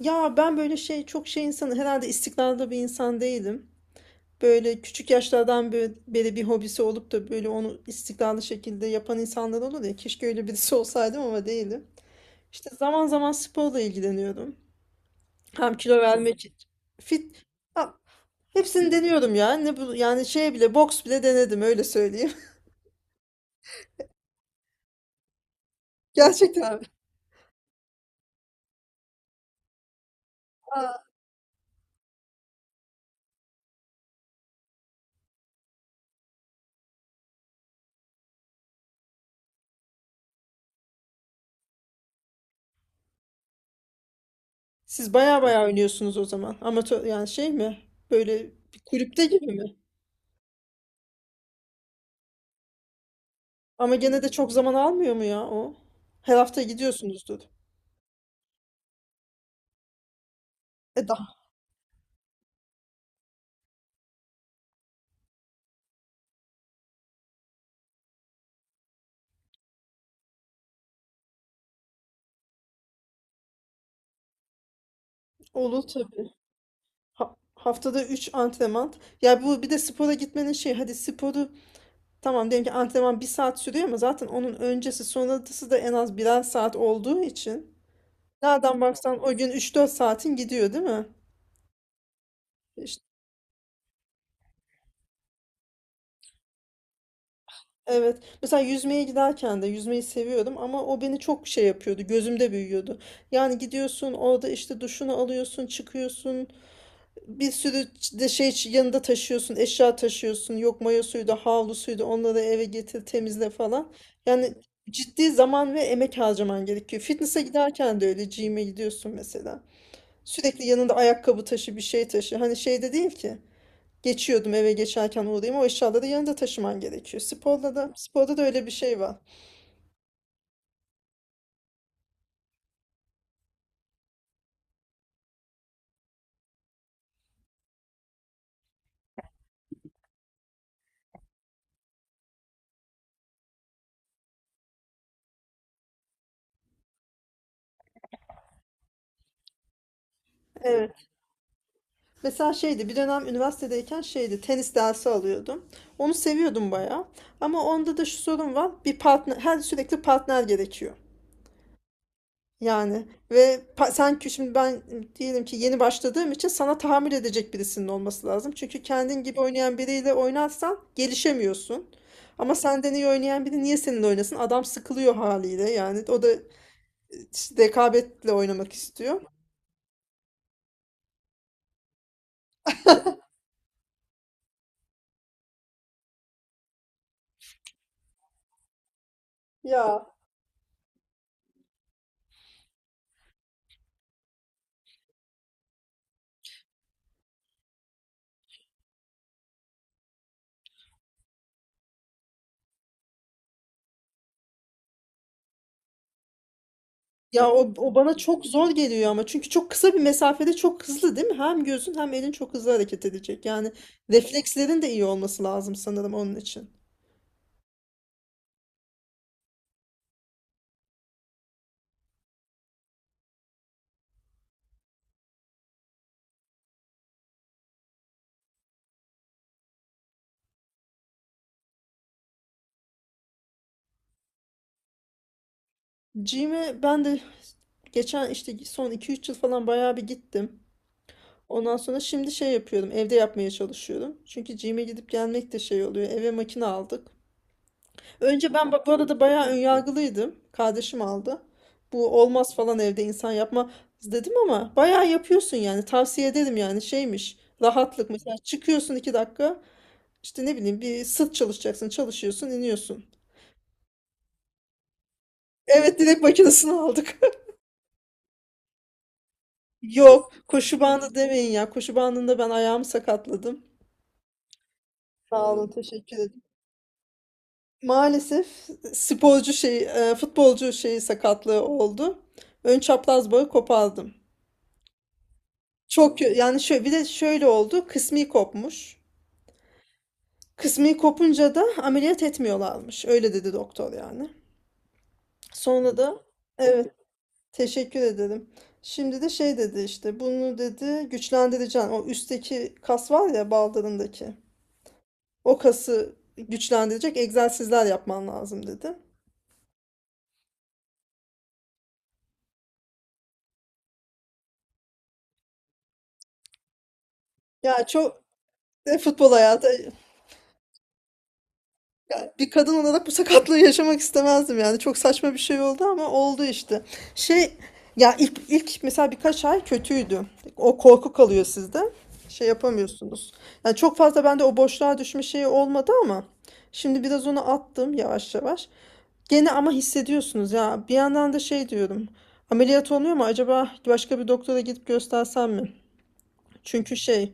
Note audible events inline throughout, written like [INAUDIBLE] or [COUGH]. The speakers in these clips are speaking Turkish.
Ya ben böyle şey çok şey insanı herhalde istikrarlı bir insan değilim. Böyle küçük yaşlardan beri bir hobisi olup da böyle onu istikrarlı şekilde yapan insanlar olur ya. Keşke öyle birisi olsaydım ama değilim. İşte zaman zaman sporla ilgileniyorum. Hem kilo vermek için. Fit. Ha, hepsini deniyorum ya. Ne bu yani şey bile boks bile denedim öyle söyleyeyim. [LAUGHS] Gerçekten. Aa. Siz baya baya oynuyorsunuz o zaman. Amatör yani şey mi? Böyle bir kulüpte gibi mi? Ama gene de çok zaman almıyor mu ya o? Her hafta gidiyorsunuzdur. E daha. Olur tabii. Haftada üç antrenman. Ya bu bir de spora gitmenin şey hadi sporu tamam diyelim ki antrenman bir saat sürüyor ama zaten onun öncesi sonrası da en az birer saat olduğu için nereden baksan o gün 3 4 saatin gidiyor değil mi? Evet. Mesela yüzmeye giderken de yüzmeyi seviyordum ama o beni çok şey yapıyordu. Gözümde büyüyordu. Yani gidiyorsun orada işte duşunu alıyorsun, çıkıyorsun. Bir sürü de şey yanında taşıyorsun, eşya taşıyorsun. Yok mayo suyu da, havlu suyu da onları eve getir, temizle falan. Yani ciddi zaman ve emek harcaman gerekiyor. Fitness'a giderken de öyle gym'e gidiyorsun mesela. Sürekli yanında ayakkabı taşı, bir şey taşı. Hani şey de değil ki. Geçiyordum eve geçerken uğrayayım. O eşyaları yanında taşıman gerekiyor. Sporda da öyle bir şey var. Evet. Mesela şeydi bir dönem üniversitedeyken şeydi tenis dersi alıyordum. Onu seviyordum bayağı. Ama onda da şu sorun var. Bir partner, her sürekli partner gerekiyor. Yani ve sen şimdi ben diyelim ki yeni başladığım için sana tahammül edecek birisinin olması lazım. Çünkü kendin gibi oynayan biriyle oynarsan gelişemiyorsun. Ama senden iyi oynayan biri niye seninle oynasın? Adam sıkılıyor haliyle yani. O da işte rekabetle oynamak istiyor. Ya Ya, o bana çok zor geliyor ama çünkü çok kısa bir mesafede çok hızlı değil mi? Hem gözün hem elin çok hızlı hareket edecek. Yani reflekslerin de iyi olması lazım sanırım onun için. Gym'e ben de geçen işte son 2 3 yıl falan bayağı bir gittim. Ondan sonra şimdi şey yapıyorum. Evde yapmaya çalışıyorum. Çünkü gym'e gidip gelmek de şey oluyor. Eve makine aldık. Önce ben bu arada bayağı önyargılıydım. Kardeşim aldı. Bu olmaz falan evde insan yapma dedim ama bayağı yapıyorsun yani. Tavsiye ederim yani şeymiş. Rahatlık mesela çıkıyorsun 2 dakika. İşte ne bileyim bir sırt çalışacaksın. Çalışıyorsun iniyorsun. Evet direkt makinesini aldık. [LAUGHS] Yok koşu bandı demeyin ya. Koşu bandında ben ayağımı sakatladım. Sağ olun teşekkür ederim. Maalesef sporcu şey futbolcu şeyi sakatlığı oldu. Ön çapraz bağı kopardım. Yani şöyle bir de şöyle oldu. Kısmi kopmuş. Kısmi kopunca da ameliyat etmiyorlarmış. Öyle dedi doktor yani. Sonra da evet teşekkür ederim. Şimdi de şey dedi işte bunu dedi güçlendireceğim. O üstteki kas var ya baldırındaki. O kası güçlendirecek egzersizler yapman lazım dedi. Ya çok futbol hayatı. Yani bir kadın olarak bu sakatlığı yaşamak istemezdim yani. Çok saçma bir şey oldu ama oldu işte. Şey ya ilk mesela birkaç ay kötüydü. O korku kalıyor sizde. Şey yapamıyorsunuz. Yani çok fazla bende o boşluğa düşme şeyi olmadı ama şimdi biraz onu attım yavaş yavaş. Gene ama hissediyorsunuz ya. Bir yandan da şey diyorum. Ameliyat oluyor mu acaba başka bir doktora gidip göstersem mi? Çünkü şey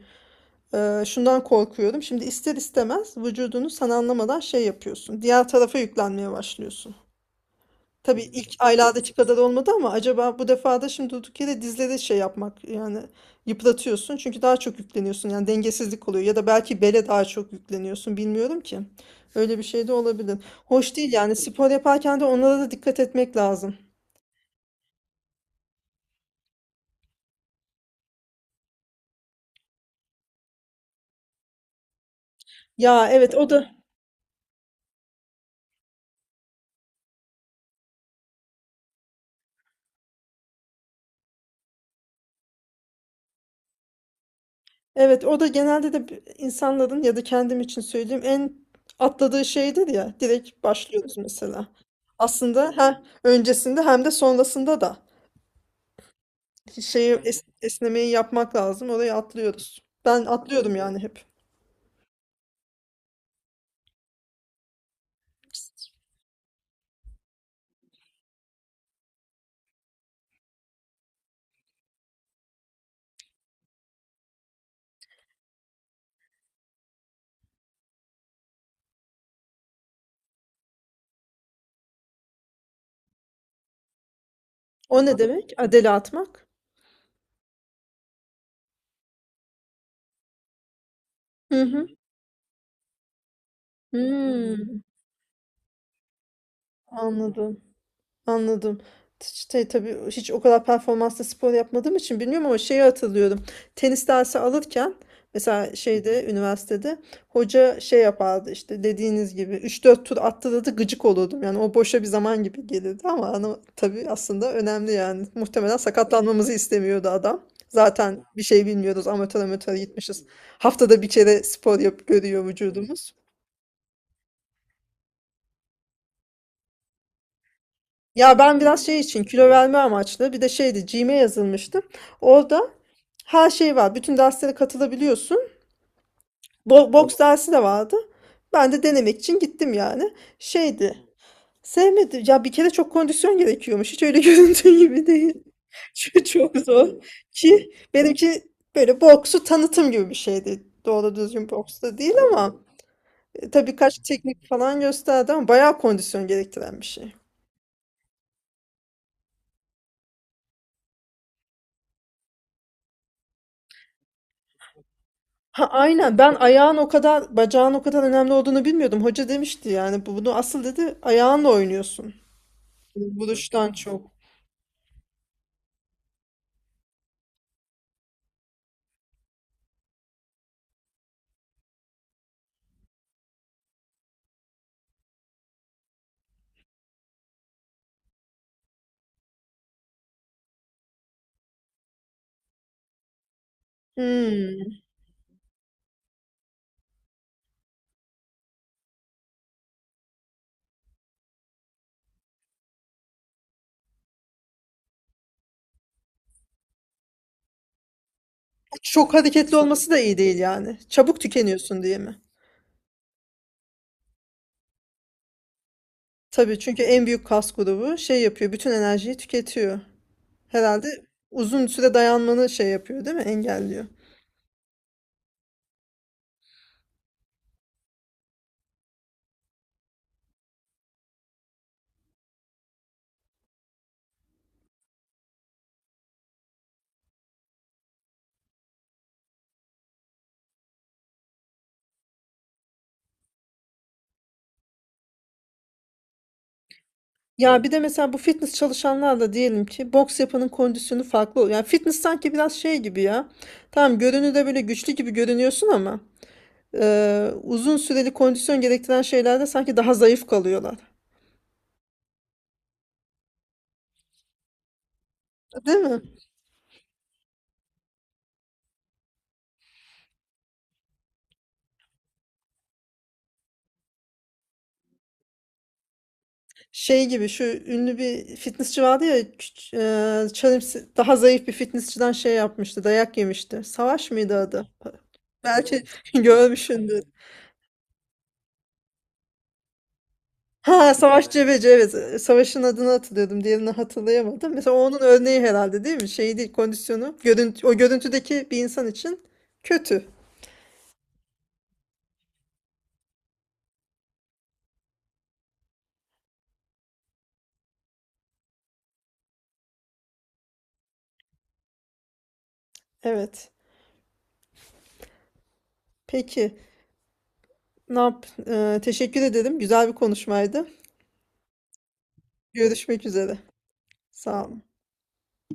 şundan korkuyorum. Şimdi ister istemez vücudunu sen anlamadan şey yapıyorsun. Diğer tarafa yüklenmeye başlıyorsun. Tabii ilk aylardaki kadar olmadı ama acaba bu defa da şimdi durduk yere dizleri şey yapmak yani yıpratıyorsun. Çünkü daha çok yükleniyorsun yani dengesizlik oluyor ya da belki bele daha çok yükleniyorsun bilmiyorum ki. Öyle bir şey de olabilir. Hoş değil yani spor yaparken de onlara da dikkat etmek lazım. Ya evet o da Evet, o da genelde de insanların ya da kendim için söyleyeyim en atladığı şeydir ya. Direkt başlıyoruz mesela. Aslında hem öncesinde hem de sonrasında da şeyi esnemeyi yapmak lazım. Orayı atlıyoruz. Ben atlıyordum yani hep. O ne demek? Adele atmak. Hı hı. Hmm, anladım. Anladım. İşte tabii hiç o kadar performanslı spor yapmadığım için bilmiyorum ama şeyi hatırlıyorum. Tenis dersi alırken mesela şeyde üniversitede hoca şey yapardı işte dediğiniz gibi 3 4 tur attırırdı gıcık olurdum. Yani o boşa bir zaman gibi gelirdi ama ana, tabii aslında önemli yani. Muhtemelen sakatlanmamızı istemiyordu adam. Zaten bir şey bilmiyoruz amatör amatör gitmişiz. Haftada bir kere spor yap görüyor vücudumuz. Ya ben biraz şey için kilo verme amaçlı bir de şeydi gym'e yazılmıştım. Orada her şey var. Bütün derslere katılabiliyorsun. Boks dersi de vardı. Ben de denemek için gittim yani. Şeydi. Sevmedim. Ya bir kere çok kondisyon gerekiyormuş. Hiç öyle [LAUGHS] göründüğü gibi değil. [LAUGHS] Çok, çok zor. Ki benimki böyle boksu tanıtım gibi bir şeydi. Doğru düzgün boks da değil ama tabii kaç teknik falan gösterdi ama bayağı kondisyon gerektiren bir şey. Ha aynen ben ayağın o kadar bacağın o kadar önemli olduğunu bilmiyordum. Hoca demişti yani bunu asıl dedi ayağınla oynuyorsun. Vuruştan çok. Hmm. Çok hareketli olması da iyi değil yani. Çabuk tükeniyorsun diye mi? Tabii çünkü en büyük kas grubu şey yapıyor bütün enerjiyi tüketiyor. Herhalde uzun süre dayanmanı şey yapıyor değil mi? Engelliyor. Ya bir de mesela bu fitness çalışanlarla diyelim ki boks yapanın kondisyonu farklı oluyor. Yani fitness sanki biraz şey gibi ya. Tamam görünürde böyle güçlü gibi görünüyorsun ama uzun süreli kondisyon gerektiren şeylerde sanki daha zayıf kalıyorlar. Değil mi? Şey gibi şu ünlü bir fitnessçi vardı ya daha zayıf bir fitnessçiden şey yapmıştı dayak yemişti. Savaş mıydı adı? Belki [LAUGHS] görmüşsündür. Ha Savaş Cebeci evet. Savaş'ın adını hatırlıyordum. Diğerini hatırlayamadım. Mesela onun örneği herhalde değil mi? Şey değil kondisyonu. Görüntü, o görüntüdeki bir insan için kötü. Evet. Peki. Ne yap? Teşekkür ederim. Güzel bir konuşmaydı. Görüşmek üzere. Sağ olun.